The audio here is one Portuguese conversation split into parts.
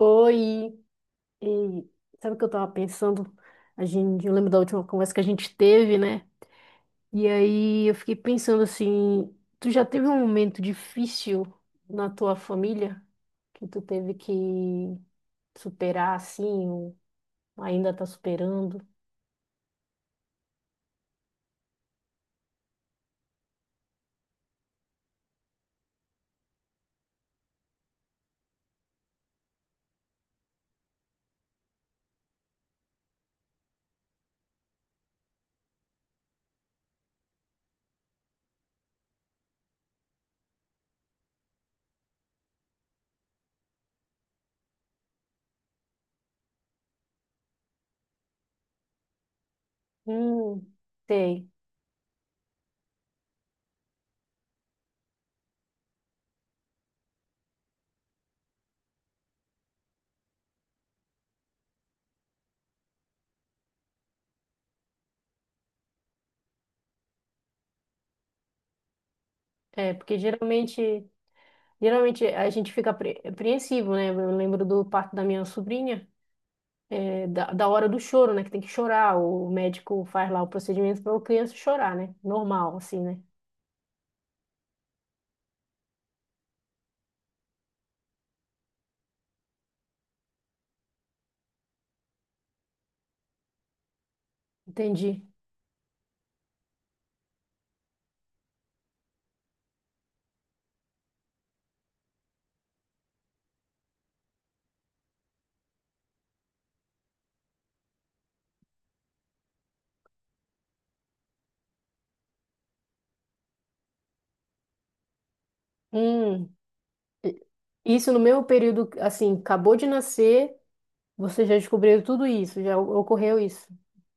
Oi, e sabe o que eu tava pensando? A gente, eu lembro da última conversa que a gente teve, né? E aí eu fiquei pensando assim, tu já teve um momento difícil na tua família que tu teve que superar assim, ou ainda tá superando? Hum, sei. É, porque geralmente, geralmente a gente fica apreensivo, né? Eu lembro do parto da minha sobrinha. É, da hora do choro, né? Que tem que chorar. O médico faz lá o procedimento para a criança chorar, né? Normal, assim, né? Entendi. Hum, isso no meu período, assim, acabou de nascer, você já descobriu tudo isso, já ocorreu isso.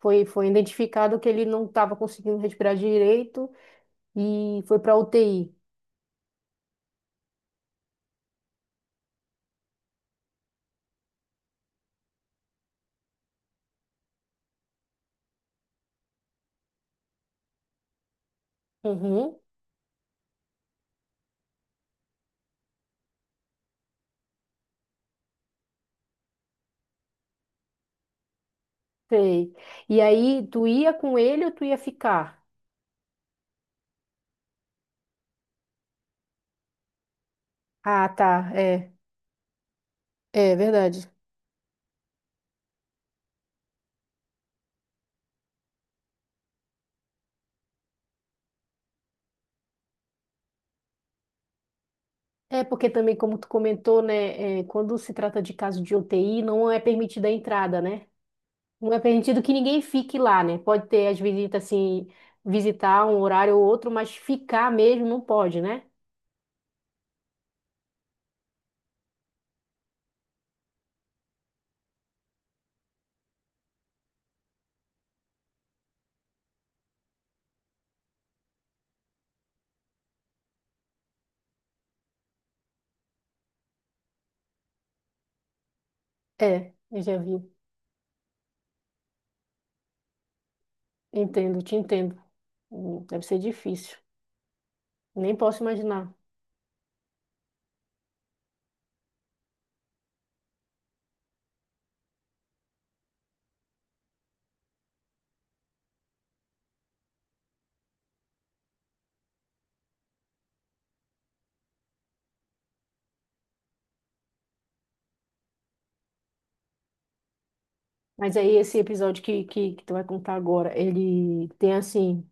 Foi, foi identificado que ele não estava conseguindo respirar direito e foi para UTI. Uhum, sei. E aí, tu ia com ele ou tu ia ficar? Ah, tá, é, é verdade. É porque também, como tu comentou, né, é, quando se trata de caso de UTI, não é permitida a entrada, né? Não é permitido que ninguém fique lá, né? Pode ter as visitas, assim, visitar um horário ou outro, mas ficar mesmo não pode, né? É, eu já vi. Entendo, te entendo. Deve ser difícil. Nem posso imaginar. Mas aí esse episódio que, que tu vai contar agora, ele tem assim,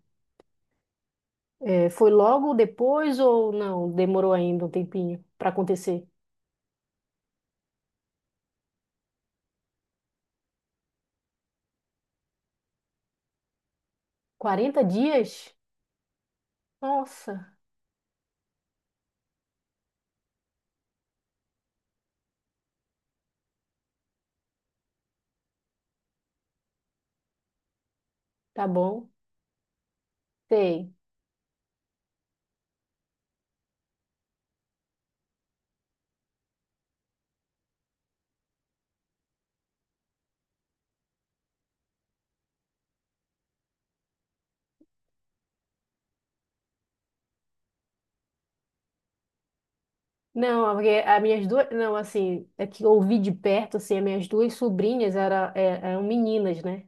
é, foi logo depois ou não? Demorou ainda um tempinho para acontecer? 40 dias? Nossa. Tá bom? Tem. Não, é porque as minhas duas. Não, assim, é que eu ouvi de perto, assim, as minhas duas sobrinhas era, eram meninas, né?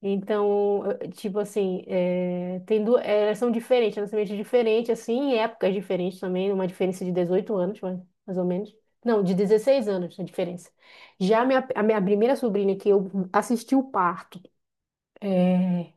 Então, tipo assim, é, tem duas, elas são diferentes, nascimentos diferentes assim, em épocas diferentes também, uma diferença de 18 anos, mais ou menos. Não, de 16 anos a diferença. Já a minha primeira sobrinha, que eu assisti o parto, é,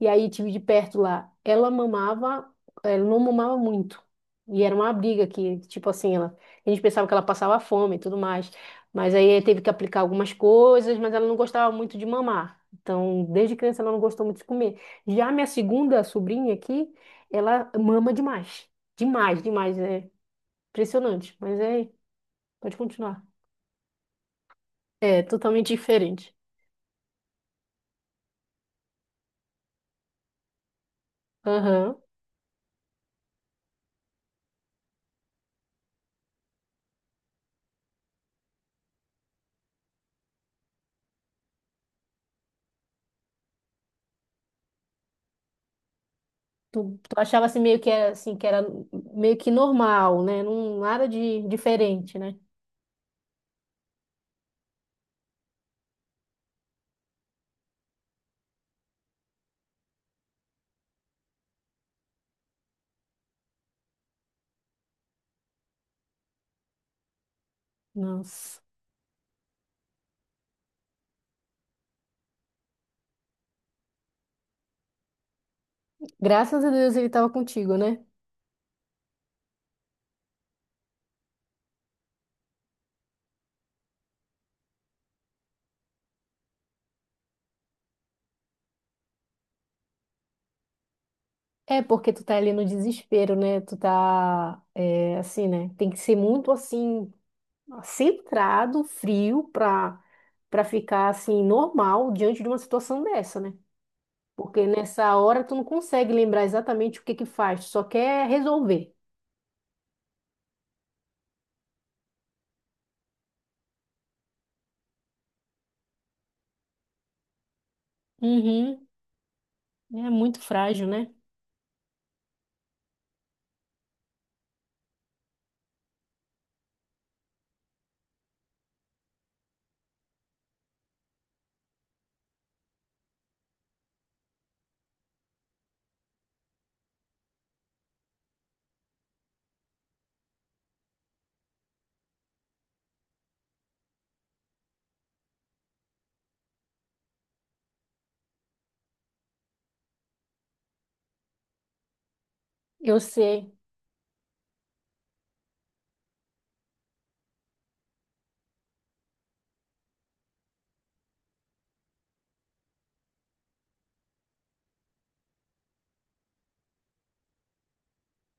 e aí tive de perto lá. Ela mamava, ela não mamava muito. E era uma briga que, tipo assim, ela, a gente pensava que ela passava fome e tudo mais. Mas aí teve que aplicar algumas coisas, mas ela não gostava muito de mamar. Então, desde criança ela não gostou muito de comer. Já minha segunda sobrinha aqui, ela mama demais. Demais, demais, é impressionante. Mas é, pode continuar. É totalmente diferente. Aham. Tu, tu achava assim meio que era assim que era meio que normal, né? Não, nada de diferente, né? Nossa. Graças a Deus ele tava contigo, né? É porque tu tá ali no desespero, né? Tu tá é, assim, né? Tem que ser muito assim centrado, frio pra para ficar assim normal diante de uma situação dessa, né? Porque nessa hora tu não consegue lembrar exatamente o que que faz, tu só quer resolver. Uhum. É muito frágil, né? Eu sei.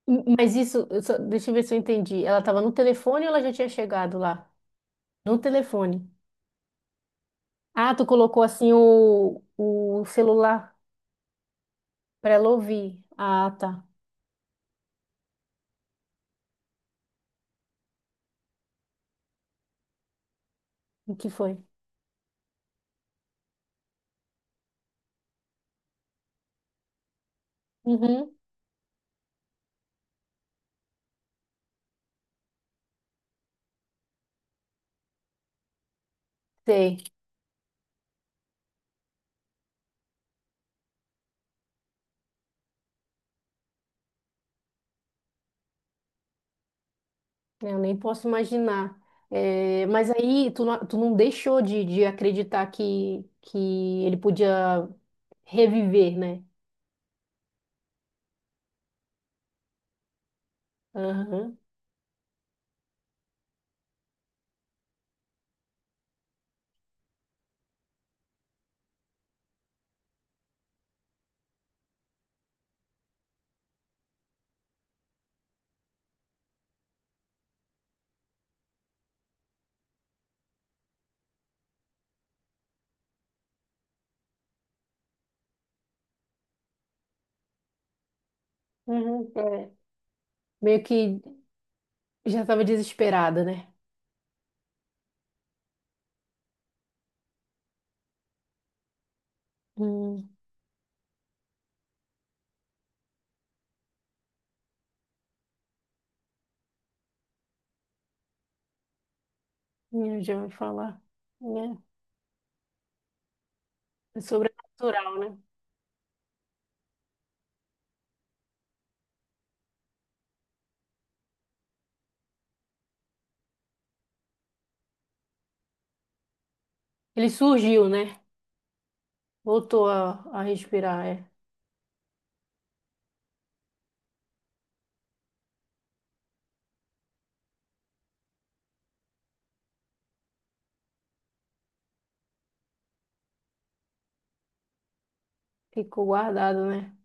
Mas isso, deixa eu ver se eu entendi. Ela estava no telefone ou ela já tinha chegado lá? No telefone. Ah, tu colocou assim o celular para ela ouvir. Ah, tá. O que foi? Uhum, sei. Eu nem posso imaginar. É, mas aí tu não deixou de acreditar que ele podia reviver, né? Aham. Uhum, é. Meio que já estava desesperada, né? Hum, eu já ouvi falar. Né? É sobrenatural, né? Ele surgiu, né? Voltou a respirar, é. Ficou guardado, né?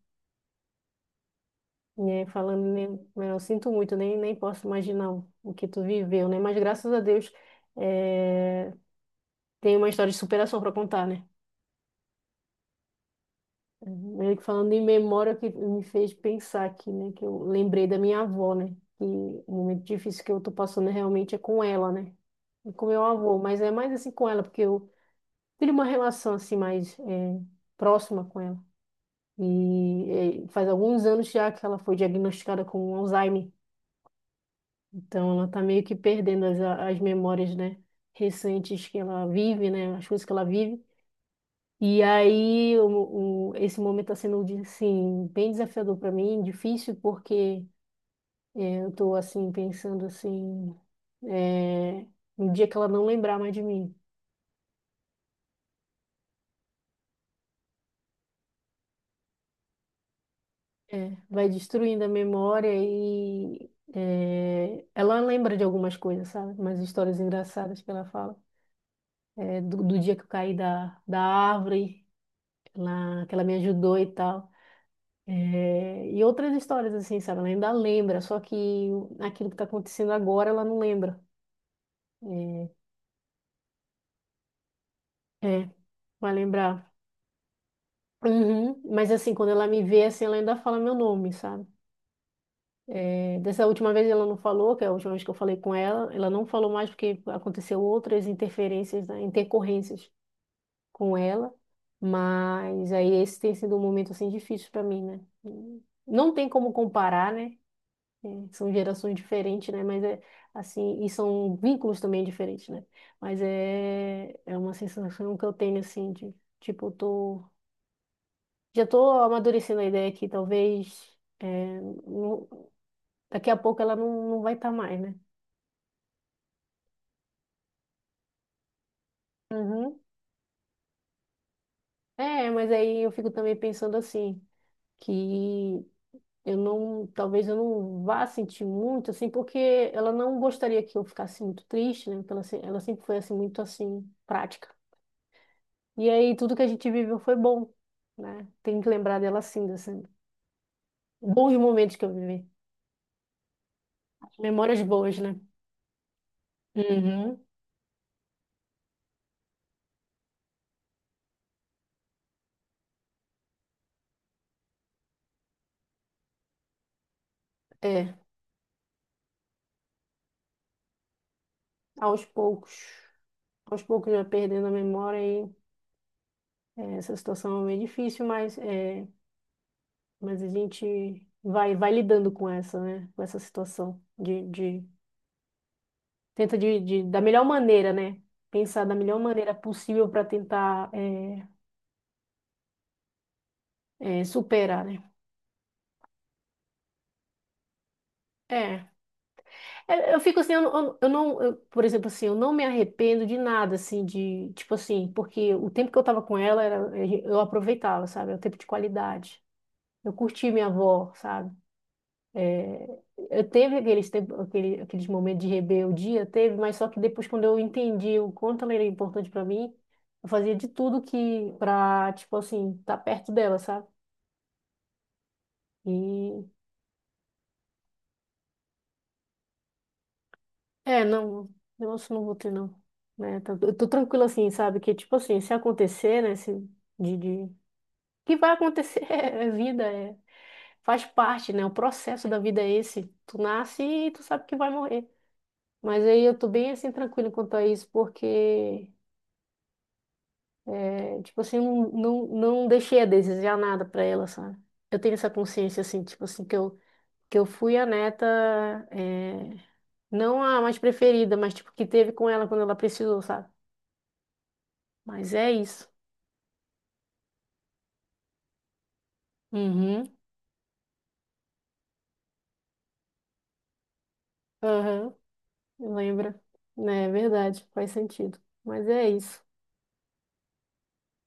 E aí, falando, nem, eu sinto muito, nem, nem posso imaginar o que tu viveu, né? Mas graças a Deus, é, tem uma história de superação para contar, né? Meio que falando em memória, que me fez pensar aqui, né? Que eu lembrei da minha avó, né? Que o momento difícil que eu tô passando realmente é com ela, né? E com meu avô, mas é mais assim com ela, porque eu tive uma relação assim mais é, próxima com ela. E faz alguns anos já que ela foi diagnosticada com Alzheimer. Então ela tá meio que perdendo as, as memórias, né, recentes que ela vive, né, as coisas que ela vive. E aí esse momento tá sendo assim bem desafiador para mim, difícil porque eu tô assim pensando assim, eh, no dia que ela não lembrar mais de mim, vai destruindo a memória e ela lembra de algumas coisas, sabe? Umas histórias engraçadas que ela fala. É, do dia que eu caí da árvore, lá, que ela me ajudou e tal. É, e outras histórias, assim, sabe? Ela ainda lembra, só que aquilo que tá acontecendo agora, ela não lembra. É, é, vai lembrar. Uhum, mas, assim, quando ela me vê, assim, ela ainda fala meu nome, sabe? É, dessa última vez ela não falou, que é a última vez que eu falei com ela, ela não falou mais porque aconteceu outras interferências, né, intercorrências com ela, mas aí esse tem sido um momento assim difícil para mim, né? Não tem como comparar, né? É, são gerações diferentes, né? Mas é assim, e são vínculos também diferentes, né? Mas é, é uma sensação que eu tenho assim de tipo, eu tô já tô amadurecendo a ideia que talvez é, não- daqui a pouco ela não, não vai estar mais, né? Uhum. É, mas aí eu fico também pensando assim, que eu não, talvez eu não vá sentir muito, assim, porque ela não gostaria que eu ficasse muito triste, né? Porque ela, ela sempre foi, assim, muito, assim, prática. E aí, tudo que a gente viveu foi bom, né? Tenho que lembrar dela, assim, assim, bons momentos que eu vivi. Memórias boas, né? Uhum. É, aos poucos. Aos poucos já perdendo a memória aí. É, essa situação é meio difícil, mas, é, mas a gente vai, vai lidando com essa, né? Com essa situação de tenta de, da melhor maneira, né? Pensar da melhor maneira possível para tentar é, é, superar, né? É, é, eu fico assim, eu, não, eu, por exemplo, assim, eu não me arrependo de nada, assim, de, tipo assim, porque o tempo que eu tava com ela, era, eu aproveitava, sabe? É o tempo de qualidade. Eu curti minha avó, sabe? É, eu teve aqueles, aquele, aqueles momentos de rebeldia, teve, mas só que depois, quando eu entendi o quanto ela era importante para mim, eu fazia de tudo que para, tipo assim, estar perto dela, sabe? E é, não, negócio não vou ter, não. Né? Eu tô tranquila assim, sabe? Que, tipo assim, se acontecer, né? Se, de... Que vai acontecer, é vida, é, faz parte, né? O processo da vida é esse. Tu nasce e tu sabe que vai morrer. Mas aí eu tô bem assim tranquila quanto a isso, porque é, tipo assim, não, não, não deixei a desejar nada pra ela, sabe? Eu tenho essa consciência, assim, tipo assim, que eu fui a neta, é, não a mais preferida, mas tipo, que teve com ela quando ela precisou, sabe? Mas é isso. Uhum, aham, lembra. É verdade, faz sentido. Mas é isso,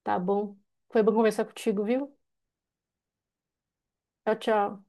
tá bom? Foi bom conversar contigo, viu? Tchau, tchau.